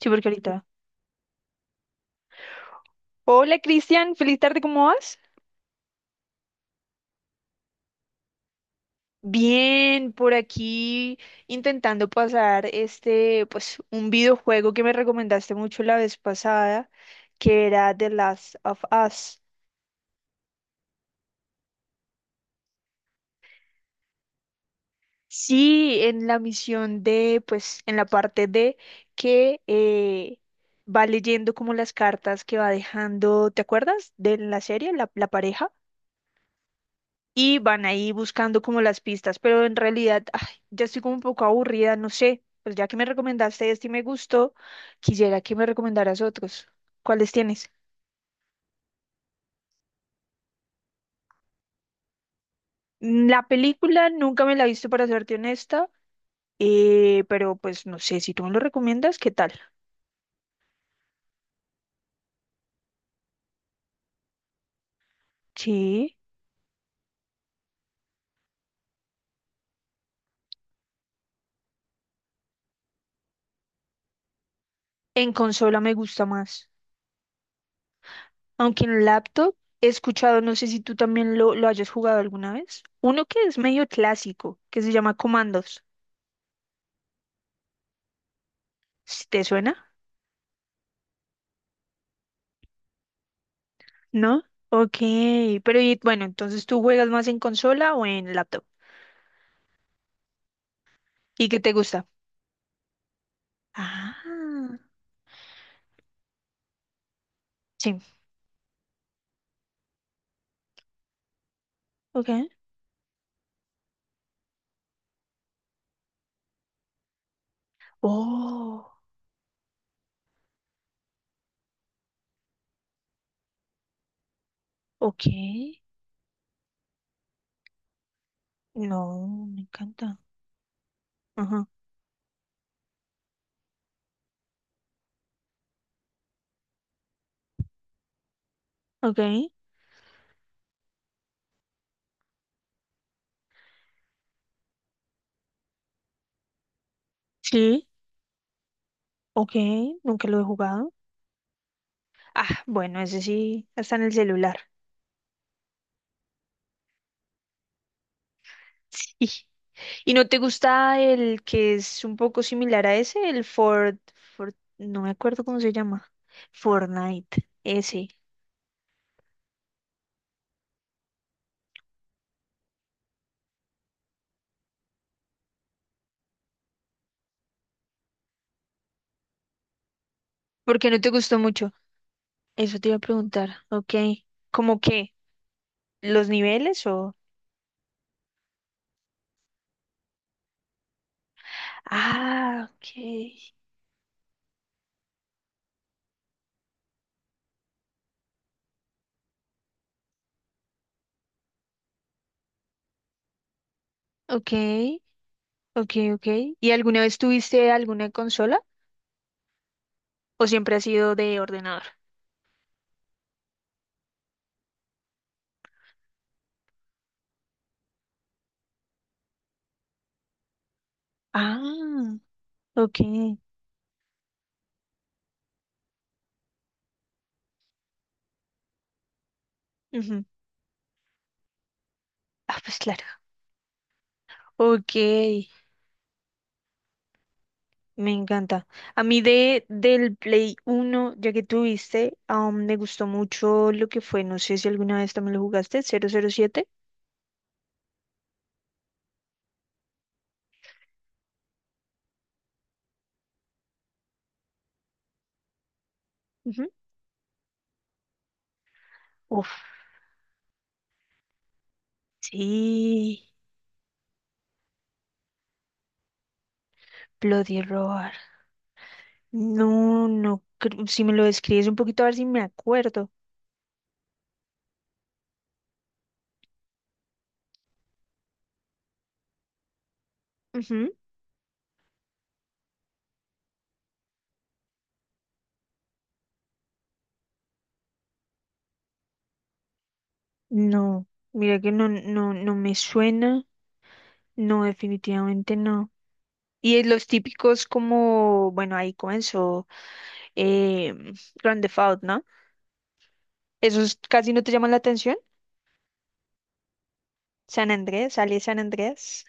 Sí, porque ahorita. Hola Cristian, feliz tarde, ¿cómo vas? Bien, por aquí intentando pasar este, pues, un videojuego que me recomendaste mucho la vez pasada, que era The Last of Us. Sí, en la misión de, pues, en la parte de que va leyendo como las cartas que va dejando, ¿te acuerdas? De la serie, la pareja. Y van ahí buscando como las pistas, pero en realidad ay, ya estoy como un poco aburrida, no sé, pues ya que me recomendaste este y me gustó, quisiera que me recomendaras otros. ¿Cuáles tienes? La película nunca me la he visto para serte honesta, pero pues no sé, si tú me lo recomiendas, ¿qué tal? Sí, en consola me gusta más, aunque en laptop he escuchado, no sé si tú también lo hayas jugado alguna vez, uno que es medio clásico, que se llama Commandos Comandos. ¿Te suena? ¿No? Ok, pero y, bueno, entonces tú juegas más en consola o en laptop. ¿Y qué te gusta? Ah, sí, ok. Oh, ok. No, me encanta. Ajá, ok. Sí, ok. Nunca lo he jugado. Ah, bueno, ese sí, está en el celular. Sí. ¿Y no te gusta el que es un poco similar a ese? El Ford, Ford, no me acuerdo cómo se llama. Fortnite, ese. ¿Por qué no te gustó mucho? Eso te iba a preguntar, ok. ¿Cómo qué? ¿Los niveles o...? Ah, ok. Ok, ok, ok. ¿Y alguna vez tuviste alguna consola o siempre has sido de ordenador? Ah, ok. Ujú. Ah, pues claro. Ok, me encanta. A mí del Play uno, ya que tuviste, me gustó mucho lo que fue, no sé si alguna vez también lo jugaste, 007. Ujú. Uf, sí, Bloody Roar. No, no, si me lo describes un poquito a ver si me acuerdo. Ujú. No, mira que no, no, no me suena. No, definitivamente no. Y es los típicos como, bueno, ahí comenzó eh, Grand Theft Auto, ¿no? ¿Esos casi no te llaman la atención? San Andrés, sale San Andrés.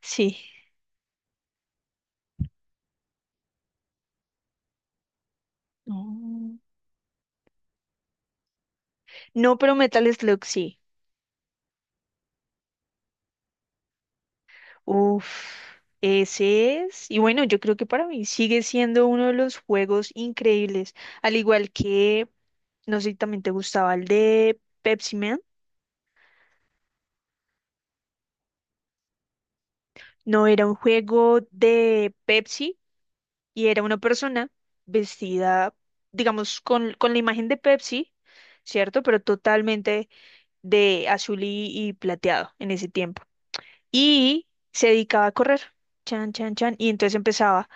Sí. No, no, pero Metal Slug sí. Uf, ese es. Y bueno, yo creo que para mí sigue siendo uno de los juegos increíbles. Al igual que no sé si también te gustaba el de Pepsi Man. No, era un juego de Pepsi y era una persona vestida, digamos, con la imagen de Pepsi, ¿cierto? Pero totalmente de azul y plateado en ese tiempo. Y se dedicaba a correr, chan, chan, chan, y entonces empezaba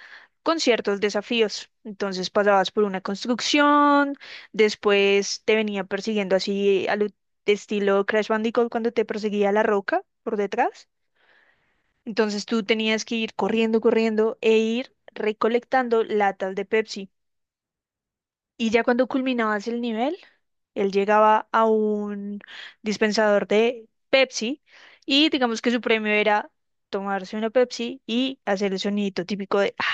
con ciertos desafíos. Entonces pasabas por una construcción, después te venía persiguiendo así al estilo Crash Bandicoot cuando te perseguía la roca por detrás. Entonces tú tenías que ir corriendo, corriendo e ir recolectando latas de Pepsi. Y ya cuando culminabas el nivel, él llegaba a un dispensador de Pepsi y digamos que su premio era tomarse una Pepsi y hacer el sonidito típico de ah,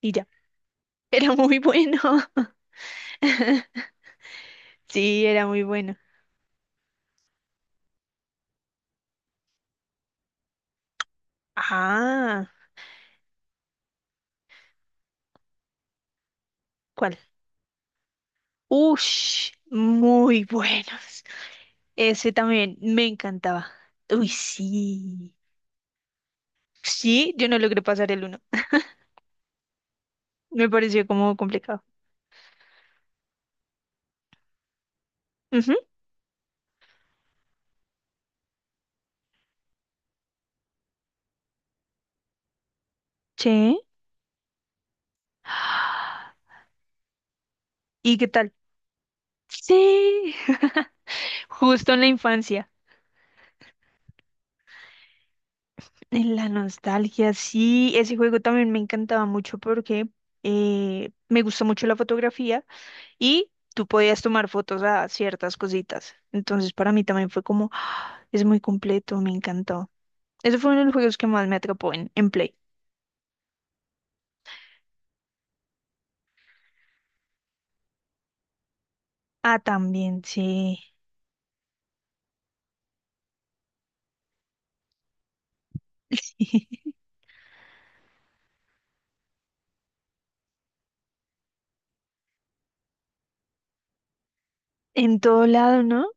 y ya. Era muy bueno. Sí, era muy bueno. Ah, ¿cuál? Ush, muy buenos. Ese también me encantaba. Uy, sí. Sí, yo no logré pasar el uno. Me pareció como complicado. Ujú, sí. ¿Y qué tal? Sí, justo en la infancia, en la nostalgia, sí, ese juego también me encantaba mucho porque me gusta mucho la fotografía y tú podías tomar fotos a ciertas cositas. Entonces para mí también fue como, "Ah, es muy completo, me encantó." Ese fue uno de los juegos que más me atrapó en Play. Ah, también, sí. En todo lado, ¿no?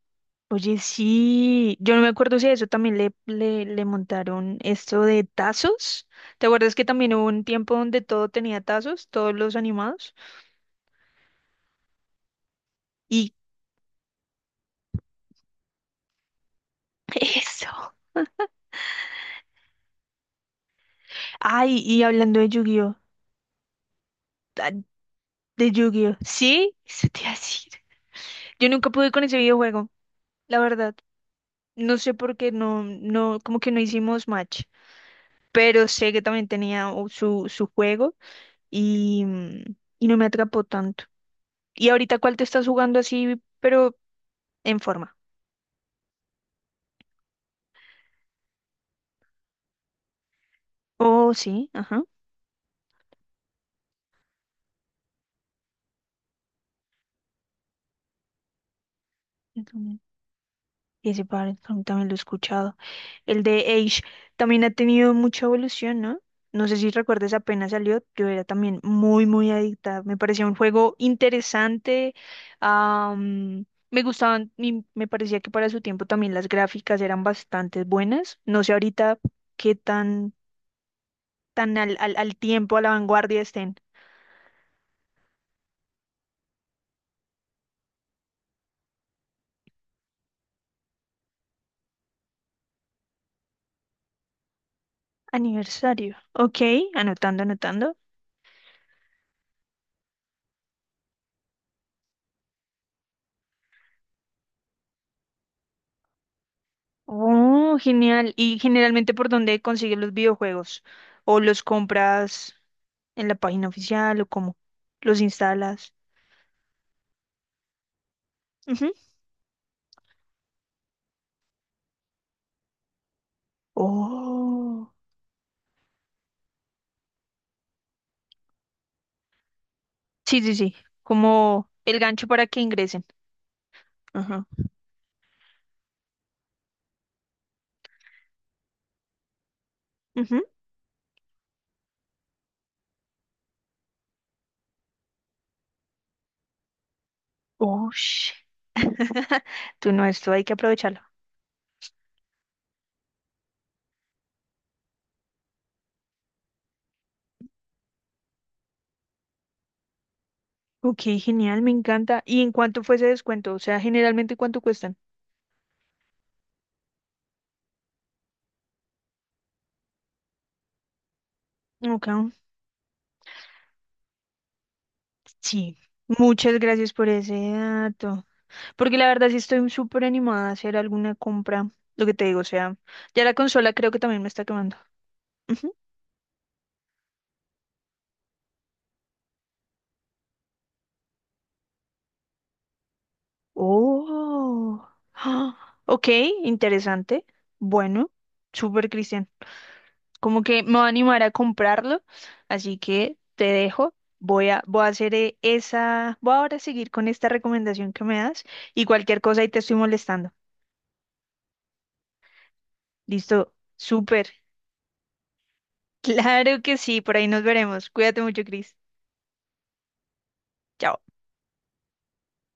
Oye, sí, yo no me acuerdo si a eso también le montaron esto de tazos. ¿Te acuerdas que también hubo un tiempo donde todo tenía tazos, todos los animados? Y eso. Ay, y hablando de Yu-Gi-Oh, ah, de Yu-Gi-Oh, sí, eso te iba a decir. Yo nunca pude con ese videojuego, la verdad. No sé por qué no, no, como que no hicimos match, pero sé que también tenía su juego y no me atrapó tanto. ¿Y ahorita cuál te estás jugando así, pero en forma? Oh, sí, ajá. Yo también. Y ese par también lo he escuchado. El de Age también ha tenido mucha evolución, ¿no? No sé si recuerdas, apenas salió, yo era también muy, muy adicta. Me parecía un juego interesante. am, Me gustaban, y me parecía que para su tiempo también las gráficas eran bastante buenas. No sé ahorita qué tan al tiempo, a la vanguardia estén. Aniversario. Ok, anotando, anotando. Oh, genial. ¿Y generalmente por dónde consigues los videojuegos? ¿O los compras en la página oficial o cómo? ¿Los instalas? Ujú. Oh. Sí, sí, sí. Como el gancho para que ingresen. Ajá. Ujú. Oh. Tú no, esto hay que aprovecharlo. Ok, genial, me encanta. ¿Y en cuánto fue ese descuento? O sea, generalmente, ¿cuánto cuestan? Ok. Sí. Muchas gracias por ese dato. Porque la verdad sí estoy súper animada a hacer alguna compra. Lo que te digo, o sea, ya la consola creo que también me está quemando. Ujú. Oh. Ah, ok, interesante. Bueno, súper Cristian. Como que me va a animar a comprarlo. Así que te dejo. Voy a hacer esa. Voy ahora a seguir con esta recomendación que me das. Y cualquier cosa ahí te estoy molestando. Listo. Súper. Claro que sí. Por ahí nos veremos. Cuídate mucho, Cris. Chao.